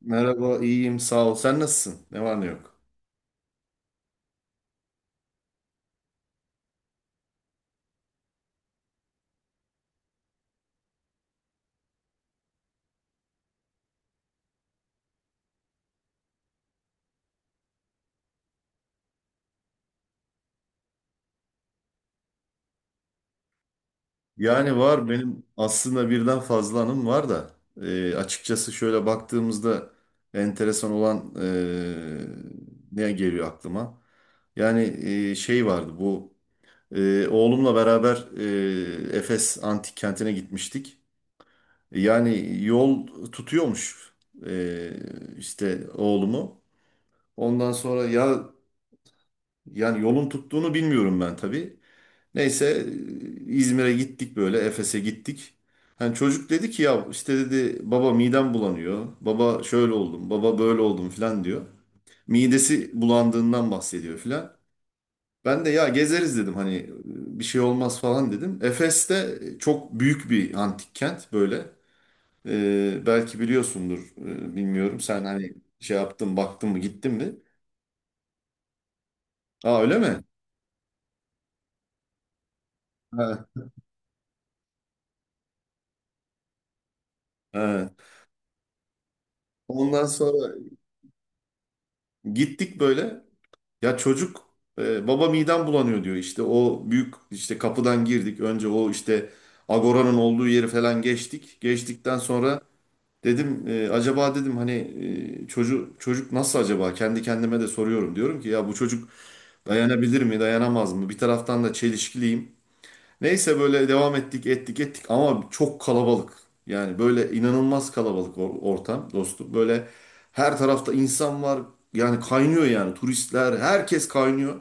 Merhaba, iyiyim, sağ ol. Sen nasılsın? Ne var ne yok? Yani var benim aslında birden fazla anım var da açıkçası şöyle baktığımızda enteresan olan ne geliyor aklıma? Yani şey vardı bu oğlumla beraber Efes Antik Kenti'ne gitmiştik. Yani yol tutuyormuş e, işte oğlumu. Ondan sonra ya yani yolun tuttuğunu bilmiyorum ben tabii. Neyse İzmir'e gittik böyle Efes'e gittik. Hani çocuk dedi ki ya işte dedi baba midem bulanıyor. Baba şöyle oldum, baba böyle oldum filan diyor. Midesi bulandığından bahsediyor filan. Ben de ya gezeriz dedim hani bir şey olmaz falan dedim. Efes'te çok büyük bir antik kent böyle. Belki biliyorsundur bilmiyorum. Sen hani şey yaptın baktın mı gittin mi? Aa öyle mi? Ha, ha. Ondan sonra gittik böyle. Ya çocuk baba midem bulanıyor diyor işte o büyük işte kapıdan girdik önce o işte Agora'nın olduğu yeri falan geçtik. Geçtikten sonra dedim acaba dedim hani çocuk nasıl acaba kendi kendime de soruyorum diyorum ki ya bu çocuk dayanabilir mi dayanamaz mı bir taraftan da çelişkiliyim. Neyse böyle devam ettik ettik ettik ama çok kalabalık yani böyle inanılmaz kalabalık ortam dostum böyle her tarafta insan var yani kaynıyor yani turistler herkes kaynıyor.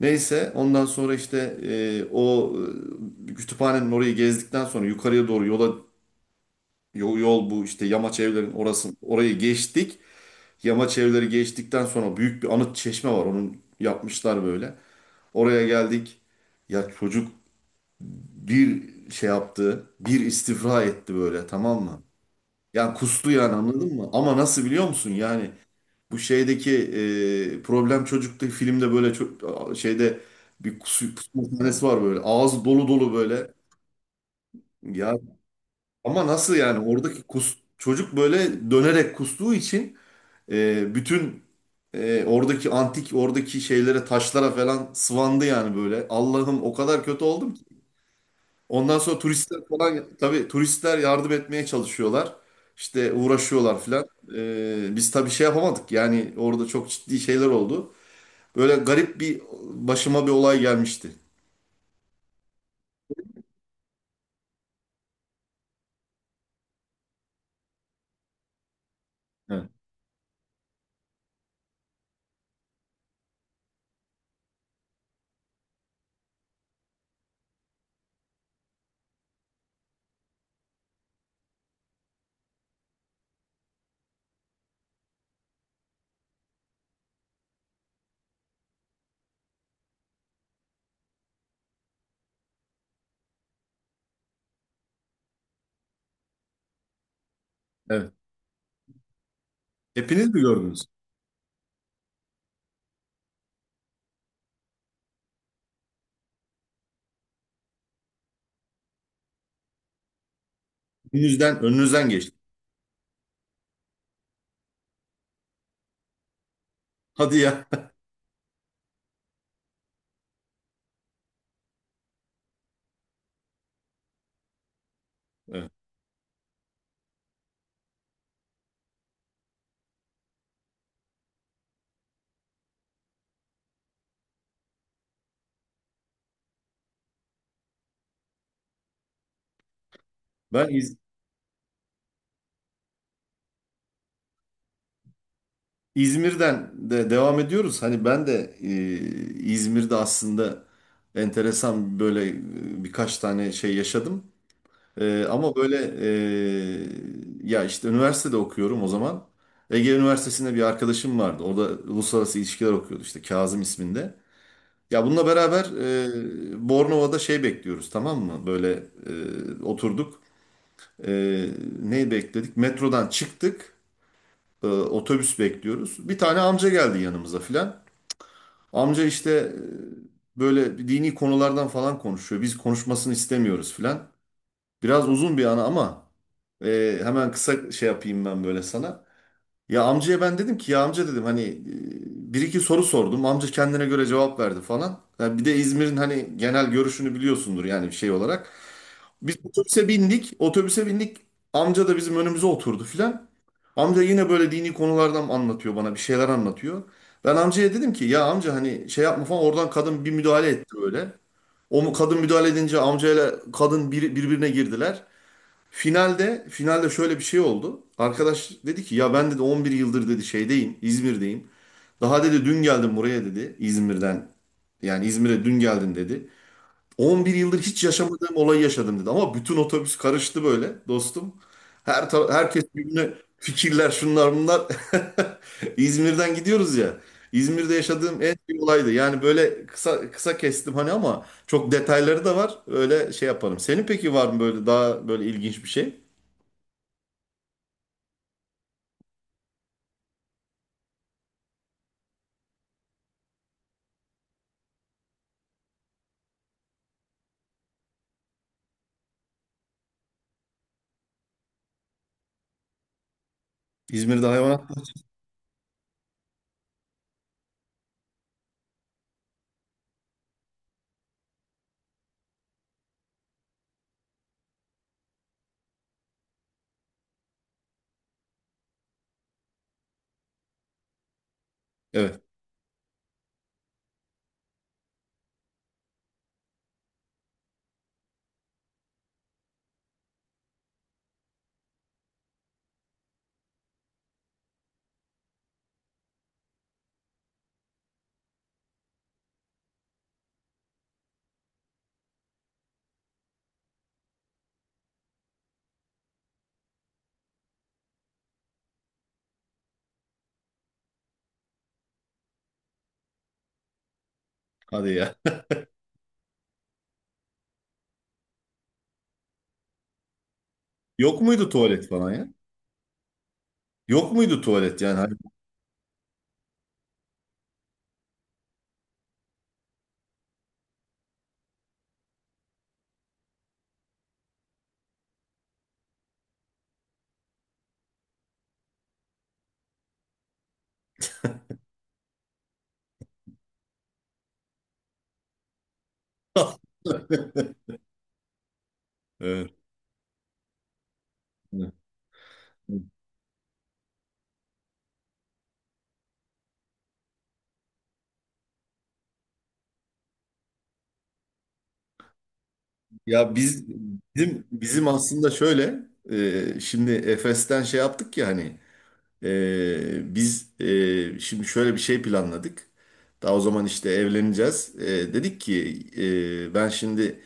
Neyse ondan sonra işte o kütüphanenin orayı gezdikten sonra yukarıya doğru yola yol bu işte yamaç evlerin orası orayı geçtik. Yamaç evleri geçtikten sonra büyük bir anıt çeşme var. Onun yapmışlar böyle. Oraya geldik. Ya çocuk bir şey yaptı. Bir istifra etti böyle tamam mı? Ya kustu yani anladın mı? Ama nasıl biliyor musun? Yani bu şeydeki Problem Çocuk'taki filmde böyle çok şeyde bir kusma sahnesi var böyle. Ağız dolu dolu böyle. Ya ama nasıl yani oradaki kus çocuk böyle dönerek kustuğu için bütün oradaki antik oradaki şeylere taşlara falan sıvandı yani böyle. Allah'ım o kadar kötü oldum ki. Ondan sonra turistler falan tabii turistler yardım etmeye çalışıyorlar. İşte uğraşıyorlar falan. Biz tabii şey yapamadık yani orada çok ciddi şeyler oldu. Böyle garip bir başıma bir olay gelmişti. Evet. Evet. Hepiniz mi gördünüz? Önünüzden, önünüzden geçti. Hadi ya. Evet. Ben İz- İzmir'den de devam ediyoruz. Hani ben de İzmir'de aslında enteresan böyle birkaç tane şey yaşadım. Ama böyle e, ya işte üniversitede okuyorum o zaman. Ege Üniversitesi'nde bir arkadaşım vardı. Orada uluslararası ilişkiler okuyordu işte Kazım isminde. Ya bununla beraber Bornova'da şey bekliyoruz tamam mı? Böyle oturduk. E, Neyi bekledik? Metrodan çıktık. Otobüs bekliyoruz. Bir tane amca geldi yanımıza filan. Amca işte böyle dini konulardan falan konuşuyor. Biz konuşmasını istemiyoruz filan. Biraz uzun bir ana ama hemen kısa şey yapayım ben böyle sana. Ya amcaya ben dedim ki ya amca dedim hani bir iki soru sordum. Amca kendine göre cevap verdi falan. Ya bir de İzmir'in hani genel görüşünü biliyorsundur yani bir şey olarak. Biz otobüse bindik. Otobüse bindik. Amca da bizim önümüze oturdu filan. Amca yine böyle dini konulardan anlatıyor bana bir şeyler anlatıyor. Ben amcaya dedim ki ya amca hani şey yapma falan oradan kadın bir müdahale etti böyle. Kadın müdahale edince amcayla kadın birbirine girdiler. Finalde şöyle bir şey oldu. Arkadaş dedi ki ya ben dedi 11 yıldır dedi şeydeyim, İzmir'deyim. Daha dedi dün geldim buraya dedi İzmir'den. Yani İzmir'e dün geldim dedi. 11 yıldır hiç yaşamadığım olayı yaşadım dedi. Ama bütün otobüs karıştı böyle dostum. Herkes birbirine fikirler şunlar bunlar. İzmir'den gidiyoruz ya. İzmir'de yaşadığım en iyi olaydı. Yani böyle kısa kısa kestim hani ama çok detayları da var. Öyle şey yaparım. Senin peki var mı böyle daha böyle ilginç bir şey? İzmir'de hayvanat Evet. Hadi ya. Yok muydu tuvalet falan ya? Yok muydu tuvalet yani? Hani... Evet. Evet. Ya biz bizim aslında şöyle şimdi Efes'ten şey yaptık ya hani biz şimdi şöyle bir şey planladık. Daha o zaman işte evleneceğiz. Dedik ki ben şimdi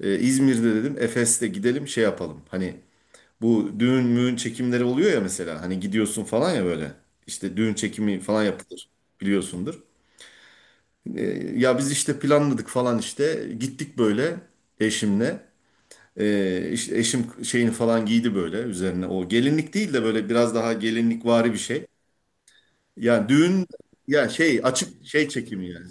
İzmir'de dedim Efes'te gidelim şey yapalım. Hani bu düğün müğün çekimleri oluyor ya mesela. Hani gidiyorsun falan ya böyle. İşte düğün çekimi falan yapılır. Biliyorsundur. Ee, Ya biz işte planladık falan işte. Gittik böyle eşimle. İşte eşim şeyini falan giydi böyle üzerine. O gelinlik değil de böyle biraz daha gelinlikvari bir şey. Yani düğün ya şey açık şey çekimi yani.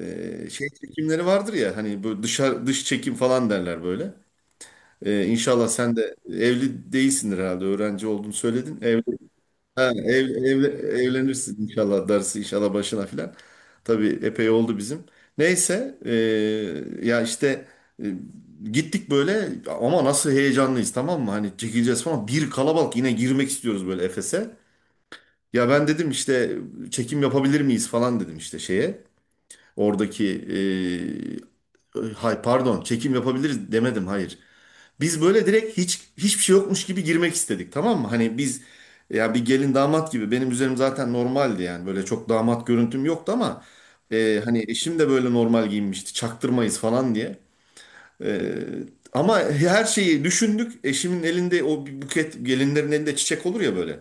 Şey çekimleri vardır ya hani böyle dışarı dış çekim falan derler böyle. İnşallah sen de evli değilsindir herhalde öğrenci olduğunu söyledin. Ha, evlenirsin inşallah darısı inşallah başına filan. Tabii epey oldu bizim. Neyse ya işte e, gittik böyle ama nasıl heyecanlıyız tamam mı? Hani çekileceğiz falan bir kalabalık yine girmek istiyoruz böyle Efes'e. Ya ben dedim işte çekim yapabilir miyiz falan dedim işte şeye. Oradaki hay pardon çekim yapabiliriz demedim hayır. Biz böyle direkt hiç hiçbir şey yokmuş gibi girmek istedik tamam mı? Hani biz ya bir gelin damat gibi benim üzerim zaten normaldi yani böyle çok damat görüntüm yoktu ama hani eşim de böyle normal giyinmişti çaktırmayız falan diye. E, Ama her şeyi düşündük eşimin elinde o bir buket gelinlerin elinde çiçek olur ya böyle.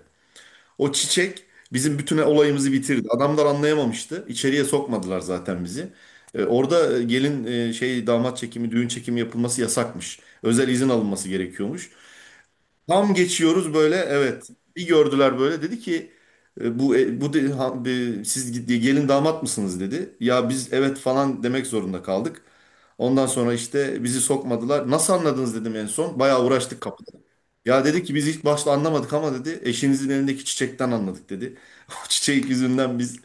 O çiçek bizim bütün olayımızı bitirdi. Adamlar anlayamamıştı içeriye sokmadılar zaten bizi. Orada gelin şey damat çekimi, düğün çekimi yapılması yasakmış. Özel izin alınması gerekiyormuş. Tam geçiyoruz böyle evet. Bir gördüler böyle dedi ki e, bu e, bu de, ha- e, siz gelin damat mısınız dedi. Ya biz evet falan demek zorunda kaldık. Ondan sonra işte bizi sokmadılar. Nasıl anladınız dedim en son. Bayağı uğraştık kapıda. Ya dedi ki biz ilk başta anlamadık ama dedi eşinizin elindeki çiçekten anladık dedi. O çiçek yüzünden biz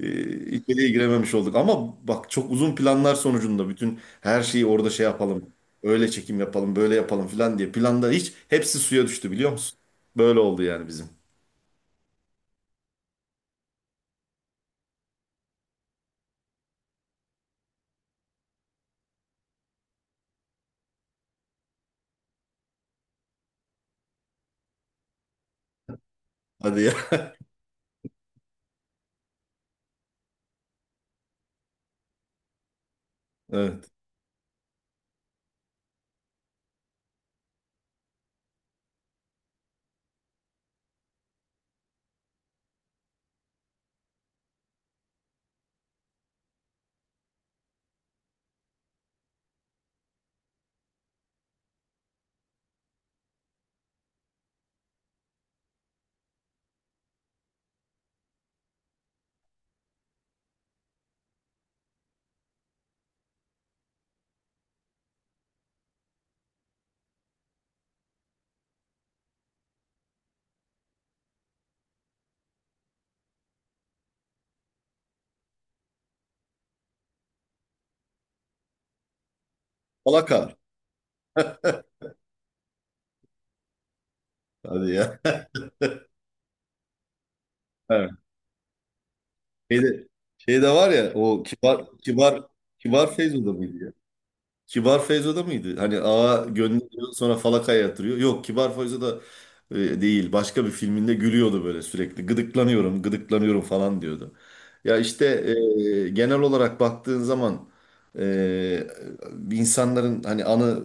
içeriye girememiş olduk. Ama bak çok uzun planlar sonucunda bütün her şeyi orada şey yapalım. Öyle çekim yapalım, böyle yapalım filan diye planda hiç hepsi suya düştü biliyor musun? Böyle oldu yani bizim. Hadi ya. Evet. Alakar. Hadi ya. Evet. Şeyde, Şeyde var ya o Kibar Feyzo'da mıydı ya? Kibar Feyzo'da mıydı? Hani ağa gönderiyor sonra falakaya yatırıyor. Yok Kibar Feyzo'da değil. Başka bir filminde gülüyordu böyle sürekli. Gıdıklanıyorum, gıdıklanıyorum falan diyordu. Ya işte genel olarak baktığın zaman e, insanların hani anı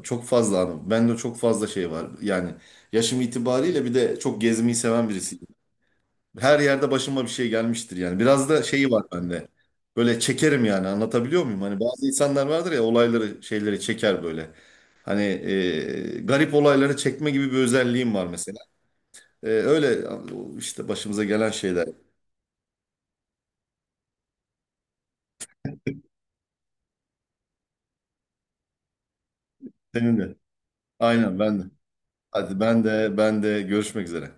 çok fazla anı. Bende çok fazla şey var. Yani yaşım itibariyle bir de çok gezmeyi seven birisi. Her yerde başıma bir şey gelmiştir yani. Biraz da şeyi var bende. Böyle çekerim yani anlatabiliyor muyum? Hani bazı insanlar vardır ya olayları şeyleri çeker böyle. Hani garip olayları çekme gibi bir özelliğim var mesela. Öyle işte başımıza gelen şeyler. Senin de. Aynen ben de. Hadi ben de görüşmek üzere.